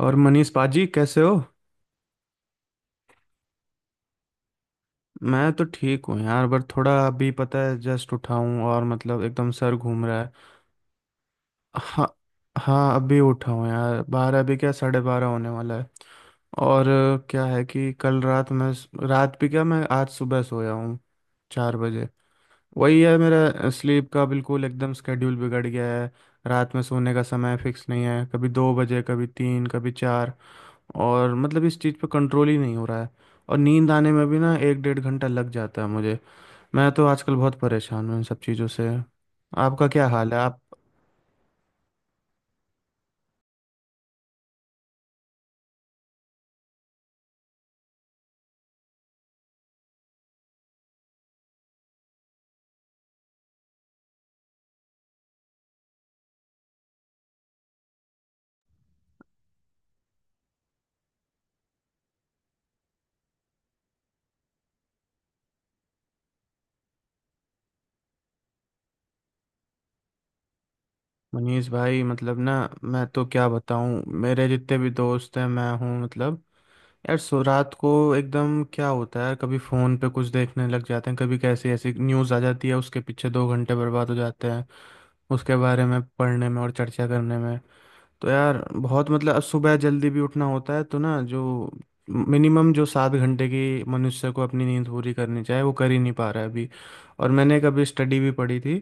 और मनीष पाजी कैसे हो? मैं तो ठीक हूँ यार, बट थोड़ा, अभी पता है, जस्ट उठा हूँ और मतलब एकदम सर घूम रहा है। हाँ, हाँ, अभी उठा हूँ यार। 12, अभी क्या, 12:30 होने वाला है। और क्या है कि कल रात मैं, रात भी क्या, मैं आज सुबह सोया हूँ 4 बजे। वही है, मेरा स्लीप का बिल्कुल एकदम स्केड्यूल बिगड़ गया है। रात में सोने का समय फिक्स नहीं है, कभी 2 बजे, कभी 3, कभी 4। और मतलब इस चीज़ पे कंट्रोल ही नहीं हो रहा है। और नींद आने में भी ना 1-1.5 घंटा लग जाता है मुझे। मैं तो आजकल बहुत परेशान हूँ इन सब चीज़ों से। आपका क्या हाल है, आप? मनीष भाई, मतलब ना, मैं तो क्या बताऊँ, मेरे जितने भी दोस्त हैं, मैं हूँ मतलब, यार सो रात को एकदम क्या होता है, कभी फ़ोन पे कुछ देखने लग जाते हैं, कभी कैसी ऐसी न्यूज़ आ जाती है, उसके पीछे 2 घंटे बर्बाद हो जाते हैं उसके बारे में पढ़ने में और चर्चा करने में। तो यार बहुत मतलब, अब सुबह जल्दी भी उठना होता है, तो ना जो मिनिमम जो 7 घंटे की मनुष्य को अपनी नींद पूरी करनी चाहिए, वो कर ही नहीं पा रहा है अभी। और मैंने कभी स्टडी भी पढ़ी थी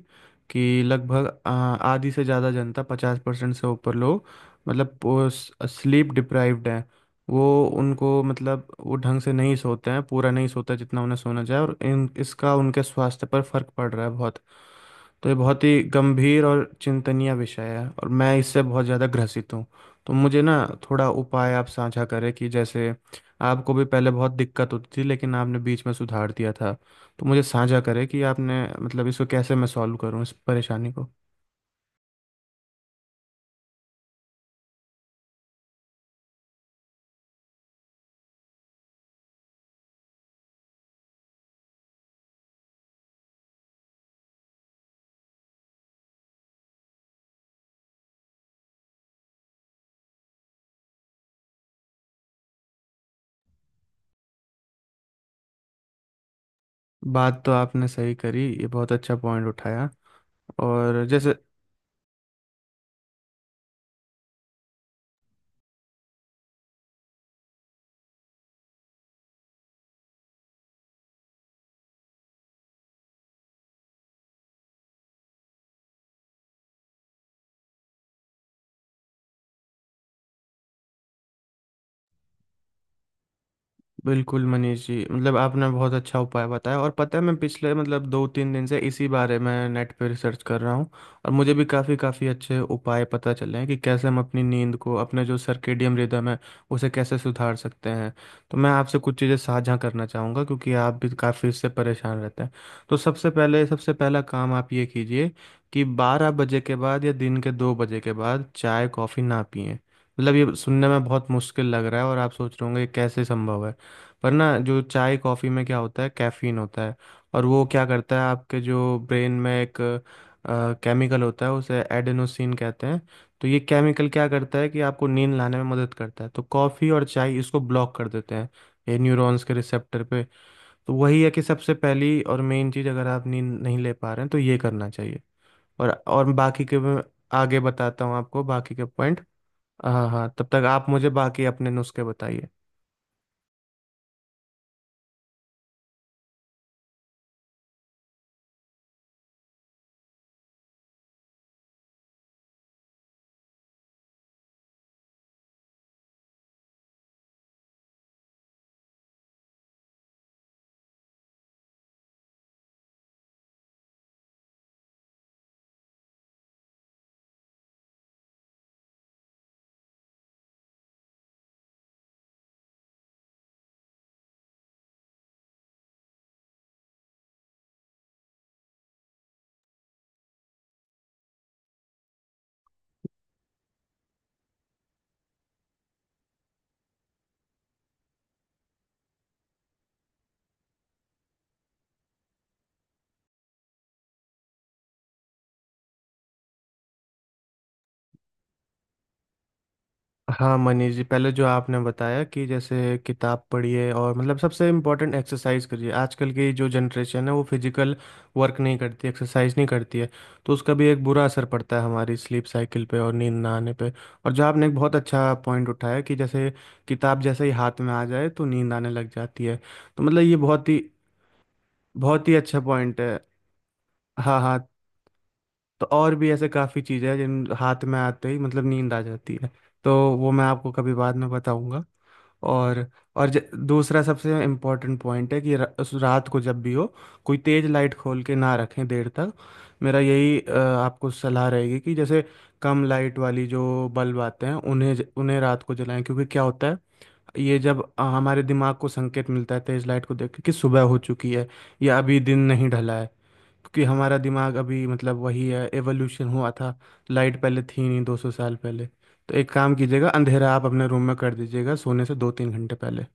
कि लगभग आधी से ज़्यादा जनता, 50% से ऊपर लोग, मतलब स्लीप डिप्राइव्ड हैं। वो, उनको मतलब वो ढंग से नहीं सोते हैं, पूरा नहीं सोता जितना उन्हें सोना चाहिए, और इन इसका उनके स्वास्थ्य पर फर्क पड़ रहा है बहुत। तो ये बहुत ही गंभीर और चिंतनीय विषय है और मैं इससे बहुत ज़्यादा ग्रसित हूँ। तो मुझे ना थोड़ा उपाय आप साझा करें कि जैसे आपको भी पहले बहुत दिक्कत होती थी, लेकिन आपने बीच में सुधार दिया था। तो मुझे साझा करें कि आपने मतलब इसको कैसे, मैं सॉल्व करूँ इस परेशानी को। बात तो आपने सही करी, ये बहुत अच्छा पॉइंट उठाया। और जैसे, बिल्कुल मनीष जी, मतलब आपने बहुत अच्छा उपाय बताया, और पता है मैं पिछले मतलब 2-3 दिन से इसी बारे में नेट पे रिसर्च कर रहा हूँ। और मुझे भी काफ़ी काफ़ी अच्छे उपाय पता चले हैं कि कैसे हम अपनी नींद को, अपने जो सर्केडियन रिदम है, उसे कैसे सुधार सकते हैं। तो मैं आपसे कुछ चीज़ें साझा करना चाहूँगा, क्योंकि आप भी काफ़ी इससे परेशान रहते हैं। तो सबसे पहले, सबसे पहला काम आप ये कीजिए कि 12 बजे के बाद या दिन के 2 बजे के बाद चाय कॉफ़ी ना पिएं। मतलब ये सुनने में बहुत मुश्किल लग रहा है और आप सोच रहे होंगे ये कैसे संभव है, पर ना जो चाय कॉफ़ी में क्या होता है, कैफीन होता है। और वो क्या करता है, आपके जो ब्रेन में एक केमिकल होता है, उसे एडेनोसिन कहते हैं। तो ये केमिकल क्या करता है कि आपको नींद लाने में मदद करता है, तो कॉफ़ी और चाय इसको ब्लॉक कर देते हैं, ये न्यूरॉन्स के रिसेप्टर पे। तो वही है कि सबसे पहली और मेन चीज़, अगर आप नींद नहीं ले पा रहे हैं तो ये करना चाहिए। और बाकी के मैं आगे बताता हूँ आपको, बाकी के पॉइंट। हाँ, हाँ, तब तक आप मुझे बाकी अपने नुस्खे बताइए। हाँ मनीष जी, पहले जो आपने बताया कि जैसे किताब पढ़िए, और मतलब सबसे इम्पोर्टेंट एक्सरसाइज करिए। आजकल की जो जनरेशन है, वो फिजिकल वर्क नहीं करती, एक्सरसाइज नहीं करती है। तो उसका भी एक बुरा असर पड़ता है हमारी स्लीप साइकिल पे और नींद ना आने पे। और जो आपने एक बहुत अच्छा पॉइंट उठाया कि जैसे किताब जैसे ही हाथ में आ जाए, तो नींद आने लग जाती है। तो मतलब ये बहुत ही अच्छा पॉइंट है। हाँ, हाँ, तो और भी ऐसे काफ़ी चीज़ें हैं, जिन हाथ में आते ही मतलब नींद आ जाती है। तो वो मैं आपको कभी बाद में बताऊंगा। और और दूसरा सबसे इम्पोर्टेंट पॉइंट है कि उस रात को जब भी हो, कोई तेज़ लाइट खोल के ना रखें देर तक। मेरा यही आपको सलाह रहेगी कि जैसे कम लाइट वाली जो बल्ब आते हैं, उन्हें उन्हें रात को जलाएं, क्योंकि क्या होता है, ये जब हमारे दिमाग को संकेत मिलता है तेज़ लाइट को देख के कि सुबह हो चुकी है या अभी दिन नहीं ढला है। क्योंकि हमारा दिमाग अभी मतलब वही है, एवोल्यूशन हुआ था, लाइट पहले थी नहीं 200 साल पहले। तो एक काम कीजिएगा, अंधेरा आप अपने रूम में कर दीजिएगा सोने से 2-3 घंटे पहले।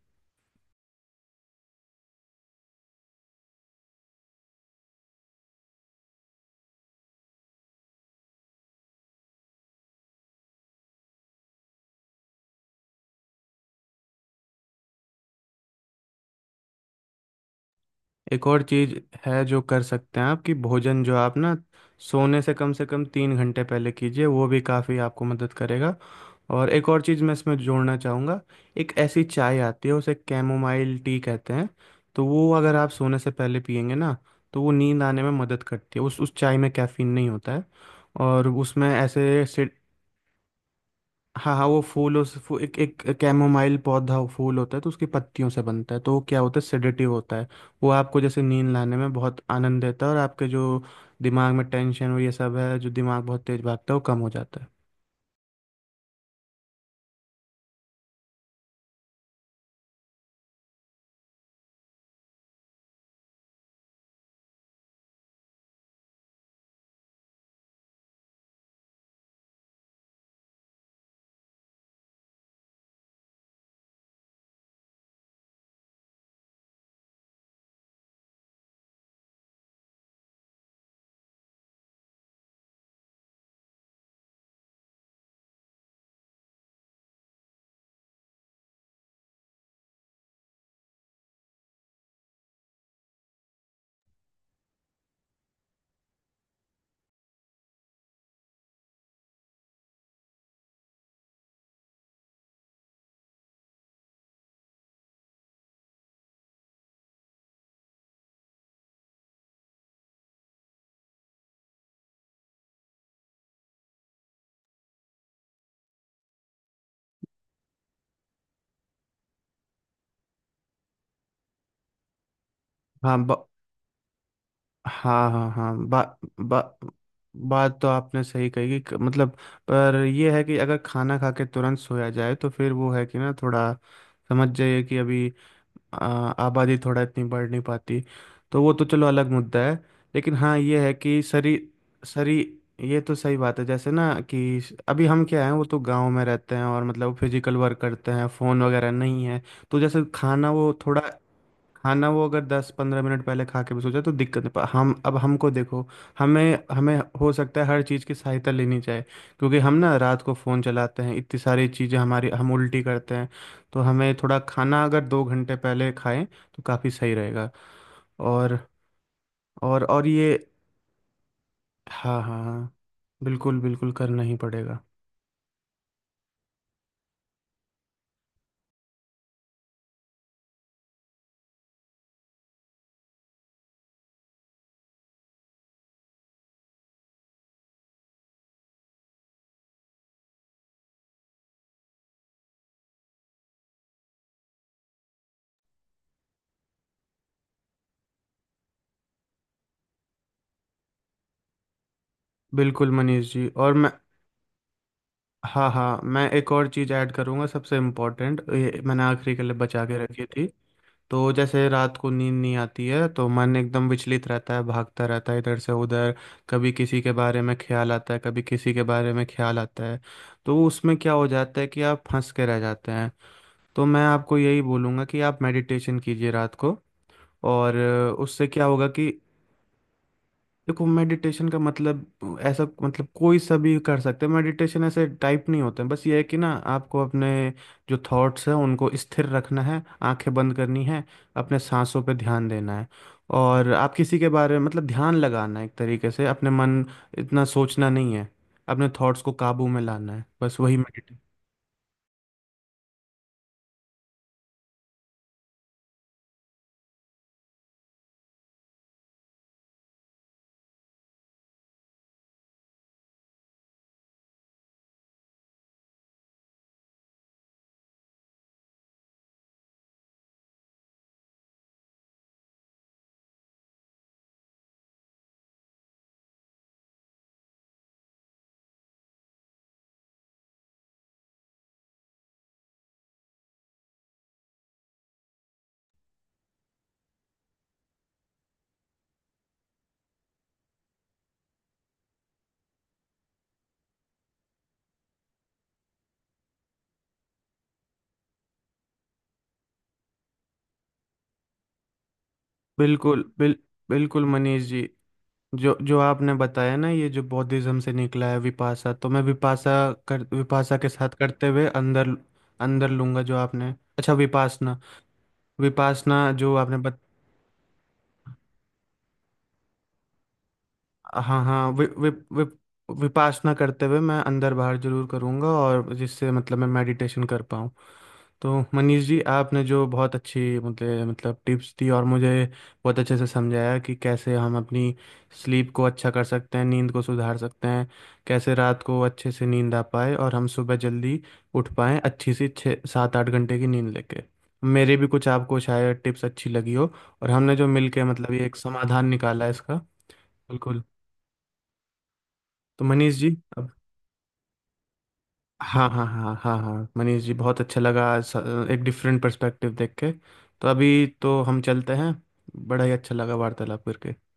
एक और चीज़ है जो कर सकते हैं आप, कि भोजन जो आप ना सोने से कम 3 घंटे पहले कीजिए, वो भी काफ़ी आपको मदद करेगा। और एक और चीज़ मैं इसमें जोड़ना चाहूँगा। एक ऐसी चाय आती है, उसे कैमोमाइल टी कहते हैं। तो वो अगर आप सोने से पहले पियेंगे ना, तो वो नींद आने में मदद करती है। उस चाय में कैफीन नहीं होता है, और उसमें ऐसे। हाँ, हाँ, वो फूल, एक एक कैमोमाइल पौधा, फूल होता है, तो उसकी पत्तियों से बनता है, तो वो क्या होता है, सेडेटिव होता है। वो आपको जैसे नींद लाने में बहुत आनंद देता है, और आपके जो दिमाग में टेंशन और ये सब है, जो दिमाग बहुत तेज भागता है, वो कम हो जाता है। हाँ, हाँ, हाँ, हाँ, बा, बा, बात तो आपने सही कही कि मतलब, पर यह है कि अगर खाना खा के तुरंत सोया जाए, तो फिर वो है कि ना, थोड़ा समझ जाइए कि अभी आ, आबादी थोड़ा इतनी बढ़ नहीं पाती, तो वो तो चलो अलग मुद्दा है। लेकिन हाँ ये है कि शरीर, शरीर, ये तो सही बात है, जैसे ना कि अभी हम क्या हैं, वो तो गांव में रहते हैं और मतलब फिजिकल वर्क करते हैं, फ़ोन वगैरह नहीं है। तो जैसे खाना वो थोड़ा, खाना वो अगर 10-15 मिनट पहले खा के भी सो जाए तो दिक्कत नहीं, पर हम, अब हमको देखो, हमें हमें हो सकता है हर चीज़ की सहायता लेनी चाहिए, क्योंकि हम ना रात को फ़ोन चलाते हैं, इतनी सारी चीज़ें हमारी हम उल्टी करते हैं। तो हमें थोड़ा खाना अगर 2 घंटे पहले खाएं तो काफ़ी सही रहेगा। और, और ये, हाँ, हाँ, हाँ, बिल्कुल, बिल्कुल करना ही पड़ेगा। बिल्कुल मनीष जी, और मैं, हाँ, हाँ, मैं एक और चीज़ ऐड करूँगा, सबसे इम्पोर्टेंट, ये मैंने आखिरी के लिए बचा के रखी थी। तो जैसे रात को नींद नहीं आती है तो मन एकदम विचलित रहता है, भागता रहता है इधर से उधर, कभी किसी के बारे में ख्याल आता है, कभी किसी के बारे में ख्याल आता है। तो उसमें क्या हो जाता है कि आप फंस के रह जाते हैं। तो मैं आपको यही बोलूँगा कि आप मेडिटेशन कीजिए रात को। और उससे क्या होगा कि, देखो मेडिटेशन का मतलब, ऐसा मतलब कोई सा भी कर सकते हैं, मेडिटेशन ऐसे टाइप नहीं होते हैं, बस ये है कि ना आपको अपने जो थॉट्स हैं उनको स्थिर रखना है, आंखें बंद करनी है, अपने सांसों पे ध्यान देना है। और आप किसी के बारे में मतलब ध्यान लगाना है, एक तरीके से अपने मन, इतना सोचना नहीं है, अपने थॉट्स को काबू में लाना है, बस वही मेडिटेशन। बिल्कुल, बिल्कुल मनीष जी, जो जो आपने बताया ना, ये जो बौद्धिज्म से निकला है विपासा, तो मैं विपासा कर, विपासा के साथ करते हुए अंदर, अंदर लूंगा जो आपने, अच्छा, विपासना, विपासना जो आपने बत हाँ, हाँ, वि, वि, वि, विपासना करते हुए मैं अंदर बाहर जरूर करूंगा, और जिससे मतलब मैं मेडिटेशन कर पाऊँ। तो मनीष जी आपने जो बहुत अच्छी मतलब टिप्स दी, और मुझे बहुत अच्छे से समझाया कि कैसे हम अपनी स्लीप को अच्छा कर सकते हैं, नींद को सुधार सकते हैं, कैसे रात को अच्छे से नींद आ पाए और हम सुबह जल्दी उठ पाएँ अच्छी सी 6-8 घंटे की नींद लेके। मेरे भी कुछ आपको शायद टिप्स अच्छी लगी हो, और हमने जो मिलके मतलब ये एक समाधान निकाला है इसका। बिल्कुल, तो मनीष जी, हाँ, हाँ, हाँ, हाँ, हाँ, मनीष जी, बहुत अच्छा लगा एक डिफरेंट पर्सपेक्टिव देख के। तो अभी तो हम चलते हैं, बड़ा ही अच्छा लगा वार्तालाप करके।